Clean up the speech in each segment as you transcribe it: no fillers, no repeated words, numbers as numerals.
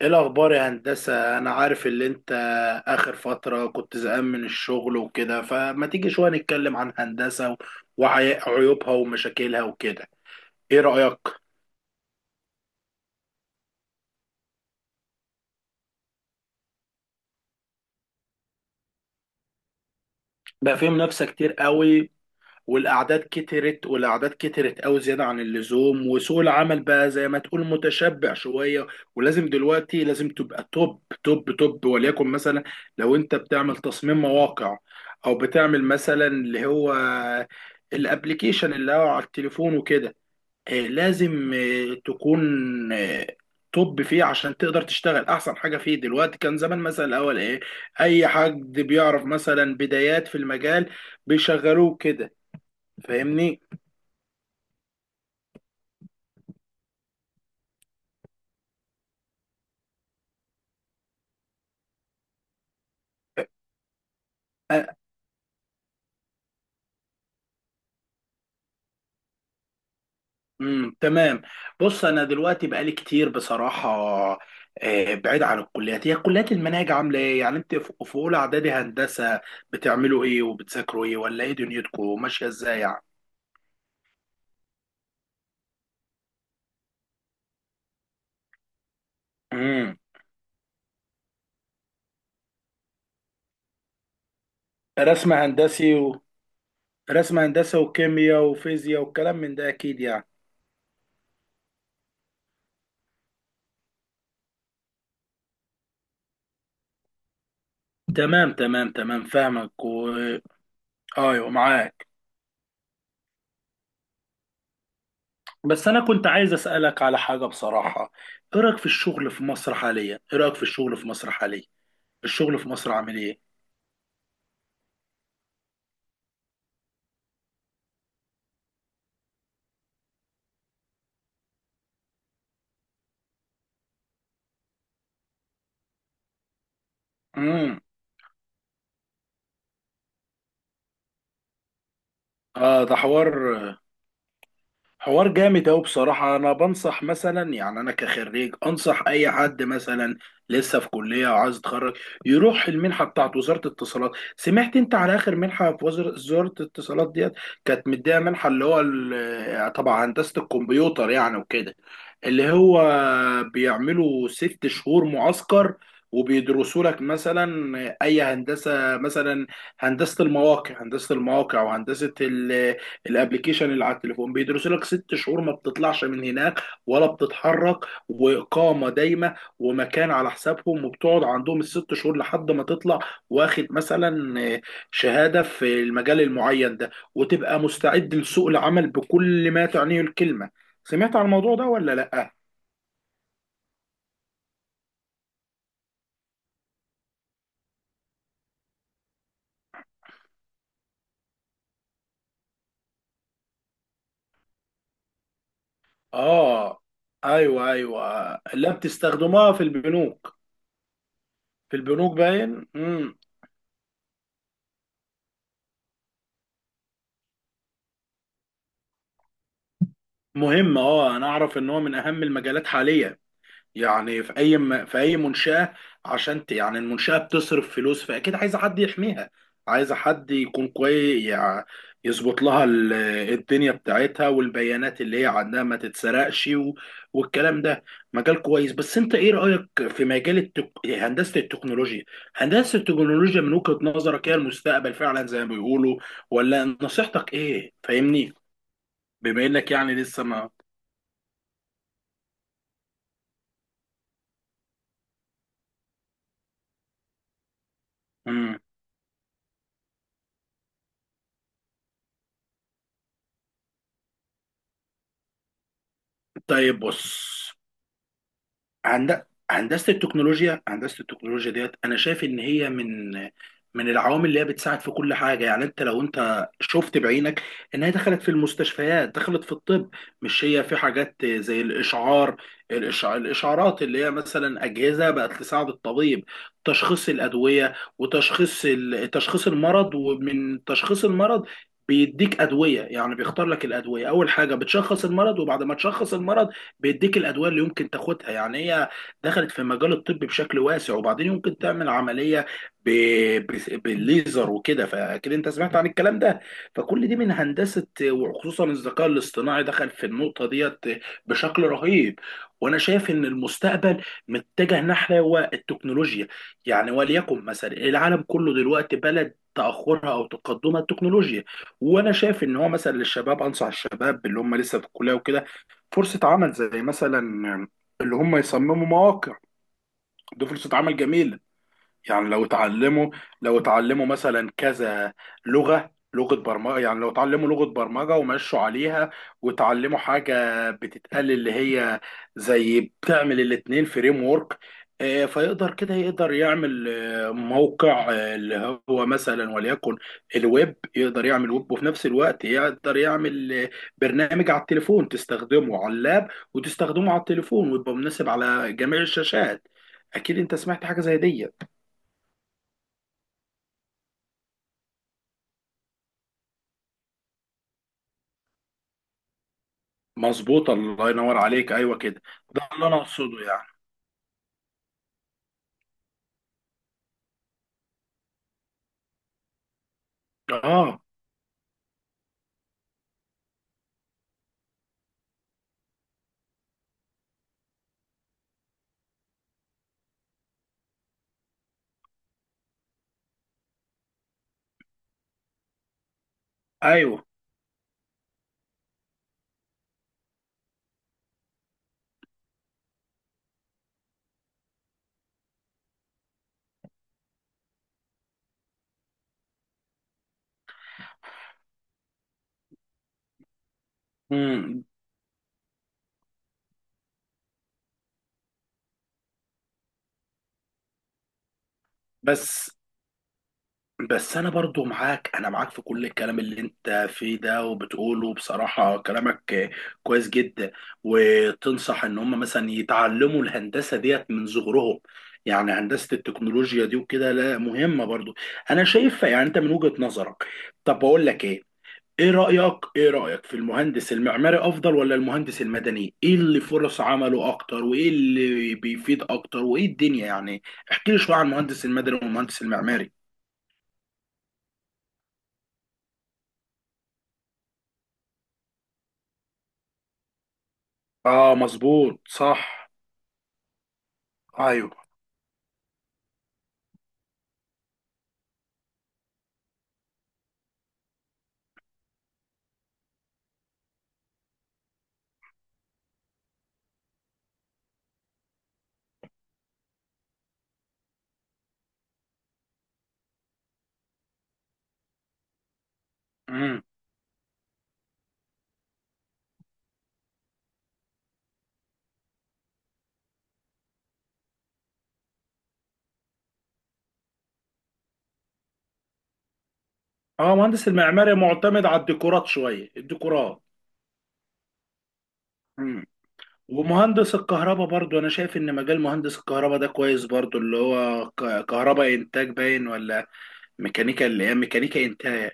ايه الاخبار يا هندسه؟ انا عارف اللي انت اخر فتره كنت زهقان من الشغل وكده، فما تيجي شويه نتكلم عن هندسه وعيوبها ومشاكلها وكده؟ ايه رايك؟ بقى فيهم منافسه كتير قوي، والاعداد كترت، والاعداد كترت قوي زياده عن اللزوم، وسوق العمل بقى زي ما تقول متشبع شويه. ولازم دلوقتي لازم تبقى توب توب توب. وليكن مثلا لو انت بتعمل تصميم مواقع او بتعمل مثلا اللي هو الابليكيشن اللي هو على التليفون وكده، لازم تكون آه، توب فيه عشان تقدر تشتغل احسن حاجه فيه. دلوقتي كان زمان مثلا الاول ايه، اي حد بيعرف مثلا بدايات في المجال بيشغلوه كده، فاهمني؟ أه. امم، تمام. بص انا دلوقتي بقالي كتير بصراحه بعيد عن الكليات. هي كليات المناهج عامله ايه يعني؟ انت في اولى اعدادي هندسه، بتعملوا ايه وبتذاكروا ايه، ولا ايه دنيتكم ماشيه ازاي يعني؟ امم. رسم هندسي رسم هندسي وكيمياء وفيزياء والكلام من ده اكيد يعني. تمام تمام تمام، فاهمك ايوه معاك. بس انا كنت عايز اسالك على حاجه بصراحه. ايه رايك في الشغل في مصر حاليا؟ ايه رايك في الشغل في مصر حاليا؟ الشغل في مصر عامل ايه؟ امم. اه ده حوار، حوار جامد أوي بصراحة. أنا بنصح مثلا، يعني أنا كخريج أنصح أي حد مثلا لسه في كلية وعايز يتخرج يروح المنحة بتاعت وزارة الاتصالات. سمعت أنت على آخر منحة في وزارة الاتصالات ديت؟ كانت مديها منحة اللي هو طبعا هندسة الكمبيوتر يعني وكده، اللي هو بيعملوا ست شهور معسكر وبيدرسوا لك مثلا اي هندسه مثلا، هندسه المواقع وهندسه الابليكيشن اللي على التليفون. بيدرس لك ست شهور ما بتطلعش من هناك ولا بتتحرك، واقامه دايمه ومكان على حسابهم، وبتقعد عندهم الست شهور لحد ما تطلع واخد مثلا شهاده في المجال المعين ده، وتبقى مستعد لسوق العمل بكل ما تعنيه الكلمه. سمعت عن الموضوع ده ولا لا؟ اه. ايوه، لا بتستخدموها في البنوك، في البنوك باين. امم، مهم. اه انا اعرف ان هو من اهم المجالات حاليا. يعني في اي في اي منشأة، يعني المنشأة بتصرف فلوس، فاكيد عايزة حد يحميها، عايزة حد يكون كويس يعني، يظبط لها الدنيا بتاعتها، والبيانات اللي هي عندها ما تتسرقش والكلام ده. مجال كويس. بس انت ايه رأيك في مجال هندسة التكنولوجيا؟ هندسة التكنولوجيا من وجهة نظرك هي المستقبل فعلا زي ما بيقولوا، ولا نصيحتك ايه؟ فاهمني، بما انك يعني لسه ما... مم. طيب بص، هند... هندسه التكنولوجيا، هندسه التكنولوجيا ديت انا شايف ان هي من من العوامل اللي هي بتساعد في كل حاجه. يعني لو انت شفت بعينك ان هي دخلت في المستشفيات، دخلت في الطب. مش هي في حاجات زي الاشعار، الاشعارات اللي هي مثلا اجهزه بقت تساعد الطبيب تشخيص الادويه وتشخيص تشخيص المرض، ومن تشخيص المرض بيديك ادويه. يعني بيختار لك الادويه، اول حاجه بتشخص المرض، وبعد ما تشخص المرض بيديك الادويه اللي يمكن تاخدها. يعني هي دخلت في مجال الطب بشكل واسع. وبعدين يمكن تعمل عمليه ب... بالليزر وكده، فاكيد انت سمعت عن الكلام ده. فكل دي من هندسه، وخصوصا الذكاء الاصطناعي دخل في النقطه ديت بشكل رهيب. وانا شايف ان المستقبل متجه نحو التكنولوجيا. يعني وليكن مثلا العالم كله دلوقتي بلد تاخرها او تقدمها التكنولوجيا. وانا شايف ان هو مثلا للشباب، انصح الشباب اللي هم لسه في الكليه وكده، فرصة عمل زي مثلا اللي هم يصمموا مواقع، دي فرصة عمل جميلة. يعني لو اتعلموا، لو اتعلموا مثلا كذا لغة برمجة، يعني لو اتعلموا لغة برمجة ومشوا عليها، وتعلموا حاجة بتتقال اللي هي زي بتعمل الاتنين فريم ورك، فيقدر كده يقدر يعمل موقع، اللي هو مثلا وليكن الويب، يقدر يعمل ويب، وفي نفس الوقت يقدر يعمل برنامج على التليفون تستخدمه على اللاب وتستخدمه على التليفون، ويبقى مناسب على جميع الشاشات. اكيد انت سمعت حاجة زي دي. مظبوطة، الله ينور عليك، أيوة كده. ده اللي أنا أقصده يعني. آه. أيوة. مم. بس، بس أنا برضو معاك، أنا معاك في كل الكلام اللي أنت فيه ده وبتقوله. بصراحة كلامك كويس جدا. وتنصح إن هم مثلا يتعلموا الهندسة ديت من صغرهم، يعني هندسة التكنولوجيا دي وكده؟ لا مهمة برضو، أنا شايفها يعني، أنت من وجهة نظرك. طب بقول لك إيه، ايه رأيك، ايه رأيك في المهندس المعماري افضل ولا المهندس المدني؟ ايه اللي فرص عمله اكتر، وايه اللي بيفيد اكتر، وايه الدنيا يعني؟ احكي لي شوية عن المهندس المدني والمهندس المعماري. اه مظبوط صح. ايوه. امم. اه مهندس المعماري معتمد على الديكورات شوية، الديكورات. امم. ومهندس الكهرباء برضو انا شايف ان مجال مهندس الكهرباء ده كويس برضو، اللي هو كهرباء انتاج باين، ولا ميكانيكا اللي هي ميكانيكا انتاج؟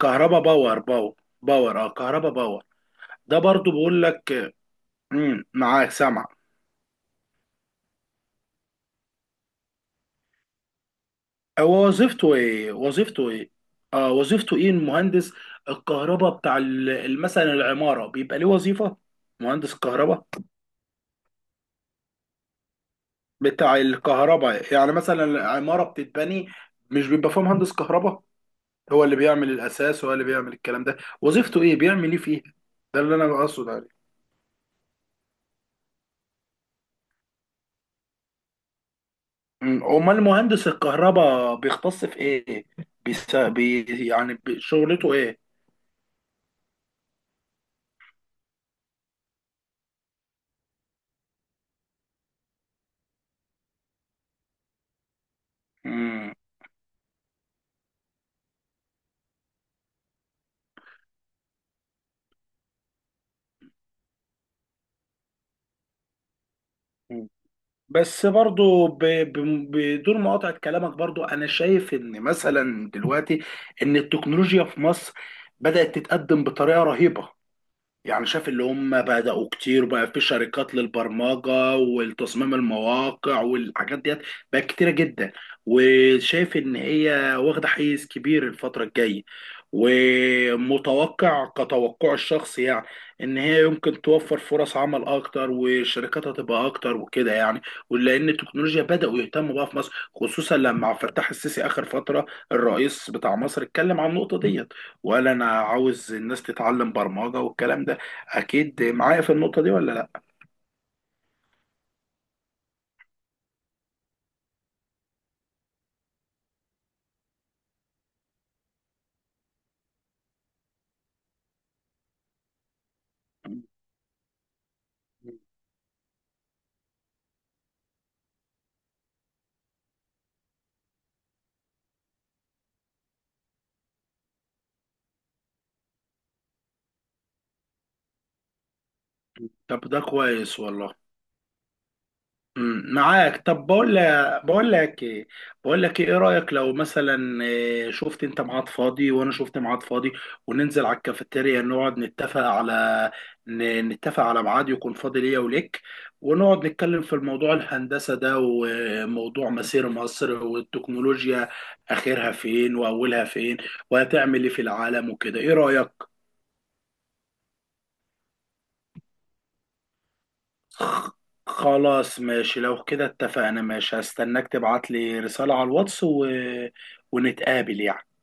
كهرباء باور، باور. باور، اه كهرباء باور. ده برضو بقول لك. مم، معاك سامع. هو وظيفته ايه، وظيفته ايه؟ اه وظيفته ايه المهندس الكهرباء بتاع مثلا العمارة، بيبقى ليه وظيفة مهندس الكهرباء بتاع الكهرباء؟ يعني مثلا العمارة بتتبني مش بيبقى فيها مهندس كهرباء هو اللي بيعمل الاساس، هو اللي بيعمل الكلام ده؟ وظيفته ايه بيعمل ايه فيها؟ ده اللي انا بقصد عليه. مم، امال مهندس الكهرباء بيختص في ايه؟ يعني شغلته ايه؟ مم. بس برضو بدون مقاطعة كلامك، برضو أنا شايف إن مثلا دلوقتي إن التكنولوجيا في مصر بدأت تتقدم بطريقة رهيبة. يعني شاف اللي هم بدأوا كتير، وبقى في شركات للبرمجة والتصميم المواقع والحاجات ديت، بقت كتيرة جدا. وشايف ان هي واخدة حيز كبير الفترة الجاية، ومتوقع كتوقع الشخص يعني ان هي يمكن توفر فرص عمل اكتر، والشركات هتبقى اكتر وكده يعني. ولان التكنولوجيا بدأوا يهتموا بقى في مصر، خصوصا لما عبد الفتاح السيسي اخر فترة الرئيس بتاع مصر اتكلم عن النقطة ديت، وقال انا عاوز الناس تتعلم برمجة والكلام ده. اكيد معايا في النقطه دي ولا لا؟ طب ده كويس والله. امم، معاك. طب بقول لك ايه، إيه رايك لو مثلا، شفت انت ميعاد فاضي وانا شفت ميعاد فاضي، وننزل على الكافيتيريا نقعد نتفق على، نتفق على ميعاد يكون فاضي ليا وليك، ونقعد نتكلم في الموضوع الهندسه ده، وموضوع مسير مصر والتكنولوجيا، اخرها فين واولها فين، وهتعمل ايه في العالم وكده؟ ايه رايك؟ خ- خلاص ماشي، لو كده اتفقنا ماشي، هستناك تبعت لي رسالة على الواتس ونتقابل يعني.